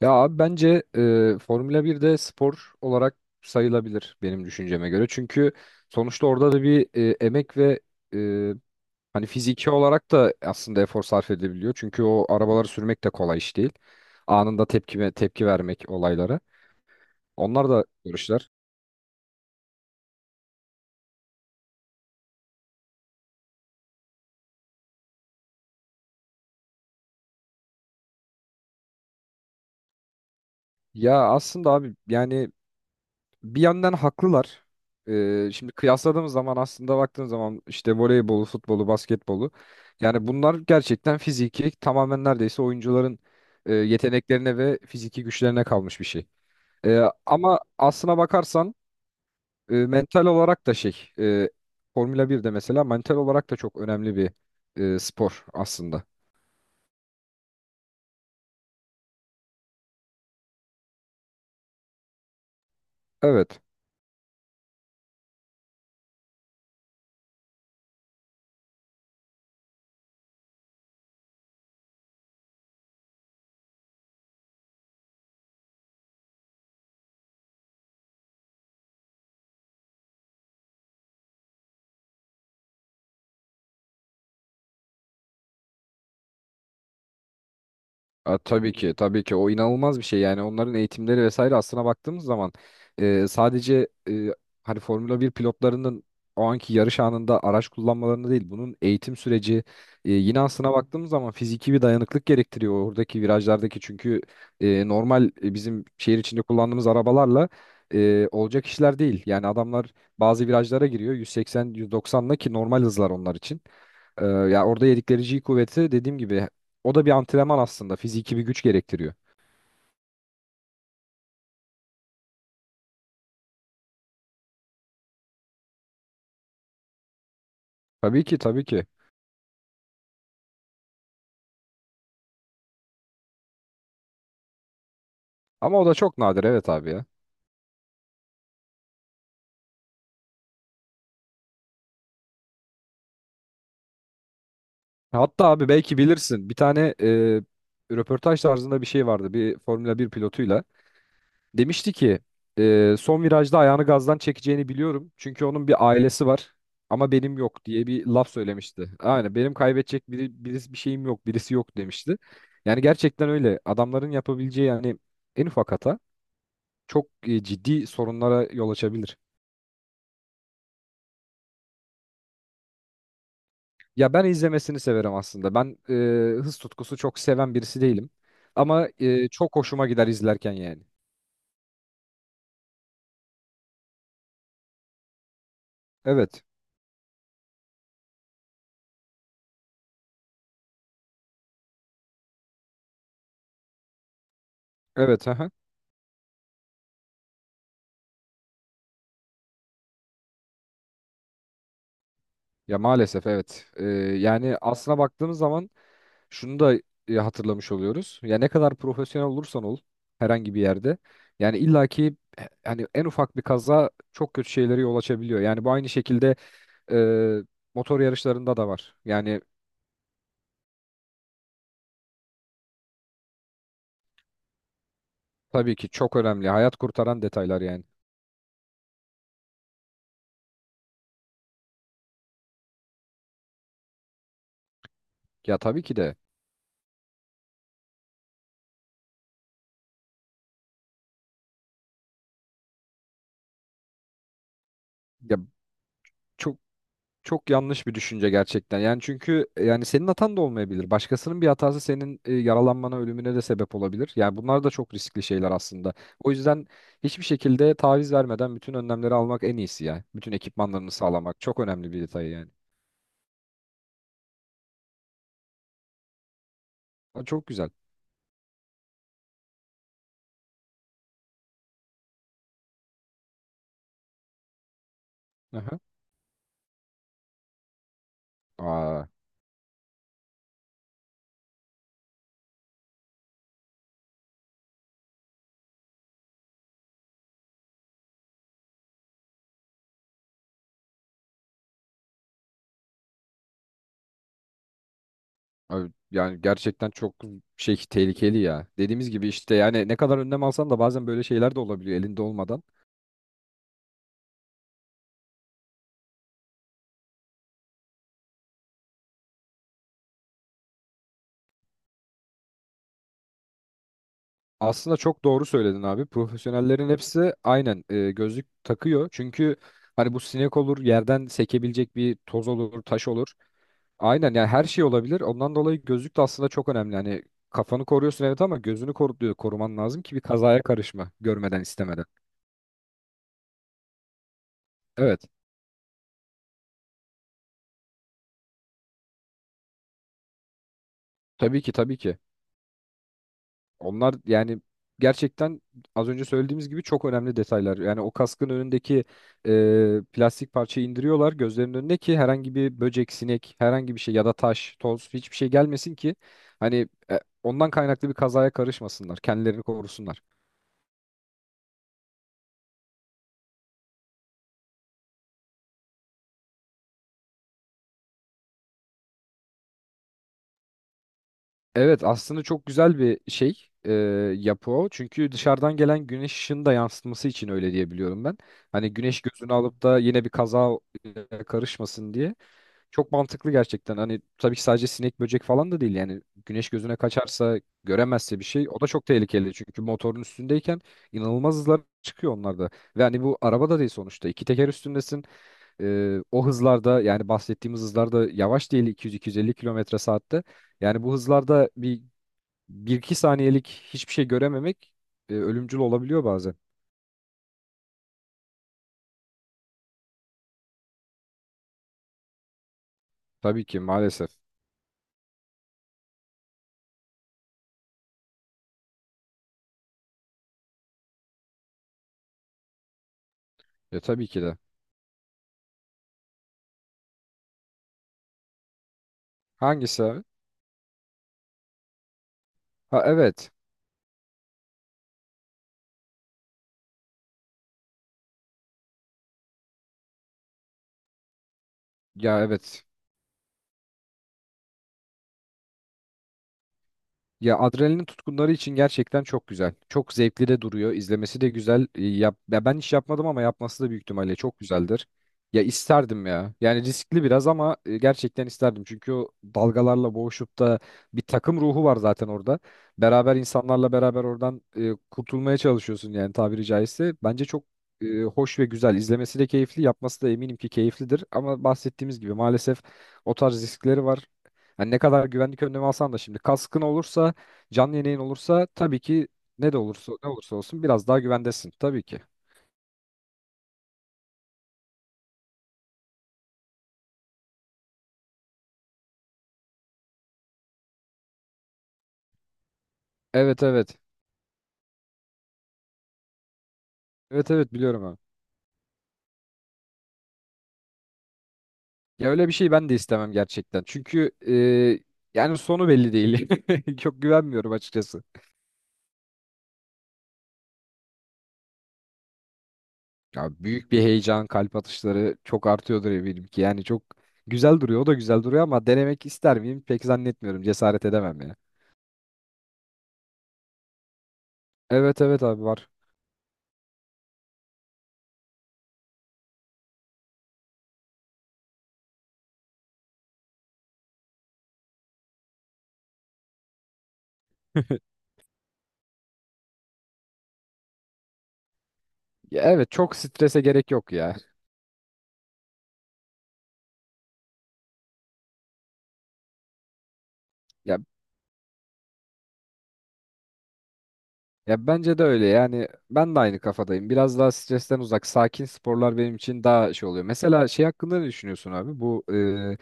Ya abi bence Formula 1 de spor olarak sayılabilir benim düşünceme göre. Çünkü sonuçta orada da bir emek ve e, hani fiziki olarak da aslında efor sarf edebiliyor. Çünkü o arabaları sürmek de kolay iş değil. Anında tepki tepki vermek olaylara. Onlar da yarışlar. Ya aslında abi yani bir yandan haklılar. Şimdi kıyasladığımız zaman aslında baktığın zaman işte voleybolu, futbolu, basketbolu yani bunlar gerçekten fiziki tamamen neredeyse oyuncuların yeteneklerine ve fiziki güçlerine kalmış bir şey. Ama aslına bakarsan mental olarak da Formula 1 de mesela mental olarak da çok önemli bir spor aslında. Evet. Tabii ki tabii ki o inanılmaz bir şey yani onların eğitimleri vesaire aslına baktığımız zaman sadece hani Formula bir pilotlarının o anki yarış anında araç kullanmalarını değil bunun eğitim süreci yine aslına baktığımız zaman fiziki bir dayanıklık gerektiriyor oradaki virajlardaki çünkü normal bizim şehir içinde kullandığımız arabalarla olacak işler değil yani adamlar bazı virajlara giriyor 180-190'la ki normal hızlar onlar için. Ya orada yedikleri G kuvveti dediğim gibi o da bir antrenman aslında. Fiziki bir güç gerektiriyor. Tabii ki tabii ki. Ama o da çok nadir, evet abi ya. Hatta abi belki bilirsin bir tane röportaj tarzında bir şey vardı bir Formula bir pilotuyla. Demişti ki son virajda ayağını gazdan çekeceğini biliyorum. Çünkü onun bir ailesi var ama benim yok diye bir laf söylemişti. Aynen benim kaybedecek biri, birisi bir şeyim yok birisi yok demişti. Yani gerçekten öyle adamların yapabileceği yani en ufak hata çok ciddi sorunlara yol açabilir. Ya ben izlemesini severim aslında. Ben hız tutkusu çok seven birisi değilim. Ama çok hoşuma gider izlerken yani. Evet. Evet. Aha. Ya maalesef evet. Yani aslına baktığımız zaman şunu da hatırlamış oluyoruz. Ya ne kadar profesyonel olursan ol herhangi bir yerde. Yani illaki hani en ufak bir kaza çok kötü şeylere yol açabiliyor. Yani bu aynı şekilde e, motor yarışlarında da var. Yani tabii ki çok önemli. Hayat kurtaran detaylar yani. Ya tabii ki de. Ya çok Çok yanlış bir düşünce gerçekten. Yani çünkü yani senin hatan da olmayabilir. Başkasının bir hatası senin yaralanmana, ölümüne de sebep olabilir. Yani bunlar da çok riskli şeyler aslında. O yüzden hiçbir şekilde taviz vermeden bütün önlemleri almak en iyisi ya. Bütün ekipmanlarını sağlamak çok önemli bir detay yani. Aa, çok güzel. Aha. Aa, Abi yani gerçekten çok tehlikeli ya. Dediğimiz gibi işte yani ne kadar önlem alsan da bazen böyle şeyler de olabiliyor elinde olmadan. Aslında çok doğru söyledin abi. Profesyonellerin hepsi aynen gözlük takıyor. Çünkü hani bu sinek olur, yerden sekebilecek bir toz olur, taş olur. Aynen yani her şey olabilir. Ondan dolayı gözlük de aslında çok önemli. Hani kafanı koruyorsun evet ama gözünü koruman lazım ki bir kazaya karışma görmeden istemeden. Evet. Tabii ki tabii ki. Onlar yani gerçekten az önce söylediğimiz gibi çok önemli detaylar. Yani o kaskın önündeki plastik parçayı indiriyorlar gözlerinin önüne ki herhangi bir böcek, sinek, herhangi bir şey ya da taş, toz hiçbir şey gelmesin ki hani ondan kaynaklı bir kazaya karışmasınlar, kendilerini korusunlar. Evet aslında çok güzel bir e, yapı o. Çünkü dışarıdan gelen güneş ışığını da yansıtması için öyle diye biliyorum ben. Hani güneş gözünü alıp da yine bir kaza karışmasın diye. Çok mantıklı gerçekten. Hani tabii ki sadece sinek böcek falan da değil. Yani güneş gözüne kaçarsa göremezse bir şey o da çok tehlikeli. Çünkü motorun üstündeyken inanılmaz hızlar çıkıyor onlarda. Ve hani bu araba da değil sonuçta. İki teker üstündesin. O hızlarda yani bahsettiğimiz hızlarda yavaş değil 200-250 kilometre saatte. Yani bu hızlarda bir iki saniyelik hiçbir şey görememek ölümcül olabiliyor bazen. Tabii ki maalesef. Ya tabii ki de. Hangisi abi? Ha evet. Ya evet. Ya adrenalin tutkunları için gerçekten çok güzel. Çok zevkli de duruyor. İzlemesi de güzel. Ya ben hiç yapmadım ama yapması da büyük ihtimalle çok güzeldir. Ya isterdim ya. Yani riskli biraz ama gerçekten isterdim. Çünkü o dalgalarla boğuşup da bir takım ruhu var zaten orada. Beraber insanlarla beraber oradan kurtulmaya çalışıyorsun yani tabiri caizse. Bence çok hoş ve güzel. İzlemesi de keyifli, yapması da eminim ki keyiflidir. Ama bahsettiğimiz gibi maalesef o tarz riskleri var. Hani ne kadar güvenlik önlemi alsan da şimdi kaskın olursa canlı yayın olursa tabii ki ne de olursa ne olursa olsun biraz daha güvendesin tabii ki. Evet evet. Evet evet biliyorum abi. Ya öyle bir şey ben de istemem gerçekten. Çünkü yani sonu belli değil. Çok güvenmiyorum açıkçası. Ya büyük bir heyecan, kalp atışları çok artıyordur eminim ki. Yani çok güzel duruyor. O da güzel duruyor ama denemek ister miyim? Pek zannetmiyorum. Cesaret edemem ya. Evet evet abi var. Ya evet, çok strese gerek yok ya. Ya Ya bence de öyle yani ben de aynı kafadayım. Biraz daha stresten uzak, sakin sporlar benim için daha şey oluyor. Mesela şey hakkında ne düşünüyorsun abi? Bu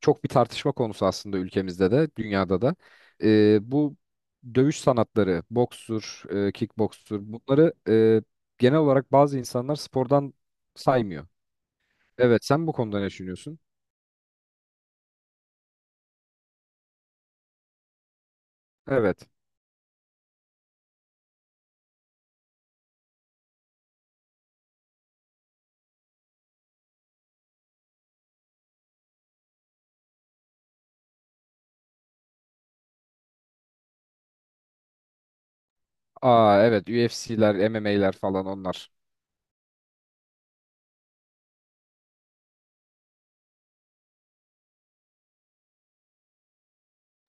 çok bir tartışma konusu aslında ülkemizde de, dünyada da. Bu dövüş sanatları, bokstur, kickbokstur bunları e, genel olarak bazı insanlar spordan saymıyor. Evet, sen bu konuda ne düşünüyorsun? Evet. Aa evet, UFC'ler, MMA'ler falan onlar.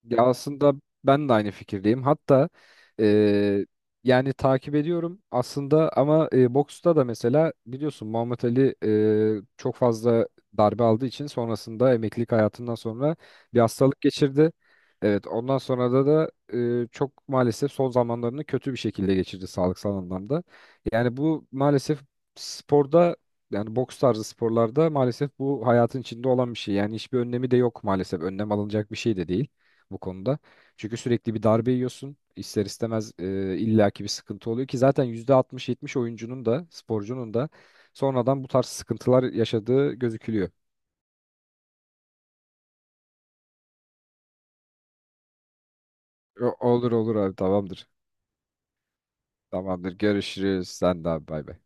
Ya aslında ben de aynı fikirdeyim. Hatta eee, yani takip ediyorum aslında ama boksta da mesela biliyorsun Muhammed Ali çok fazla darbe aldığı için sonrasında emeklilik hayatından sonra bir hastalık geçirdi. Evet ondan sonra da çok maalesef son zamanlarını kötü bir şekilde geçirdi sağlıksal anlamda. Yani bu maalesef sporda yani boks tarzı sporlarda maalesef bu hayatın içinde olan bir şey. Yani hiçbir önlemi de yok maalesef. Önlem alınacak bir şey de değil bu konuda. Çünkü sürekli bir darbe yiyorsun. İster istemez illaki bir sıkıntı oluyor ki zaten %60-70 oyuncunun da sporcunun da sonradan bu tarz sıkıntılar yaşadığı gözükülüyor. Olur olur abi, tamamdır. Tamamdır. Görüşürüz. Sen de abi bay bay.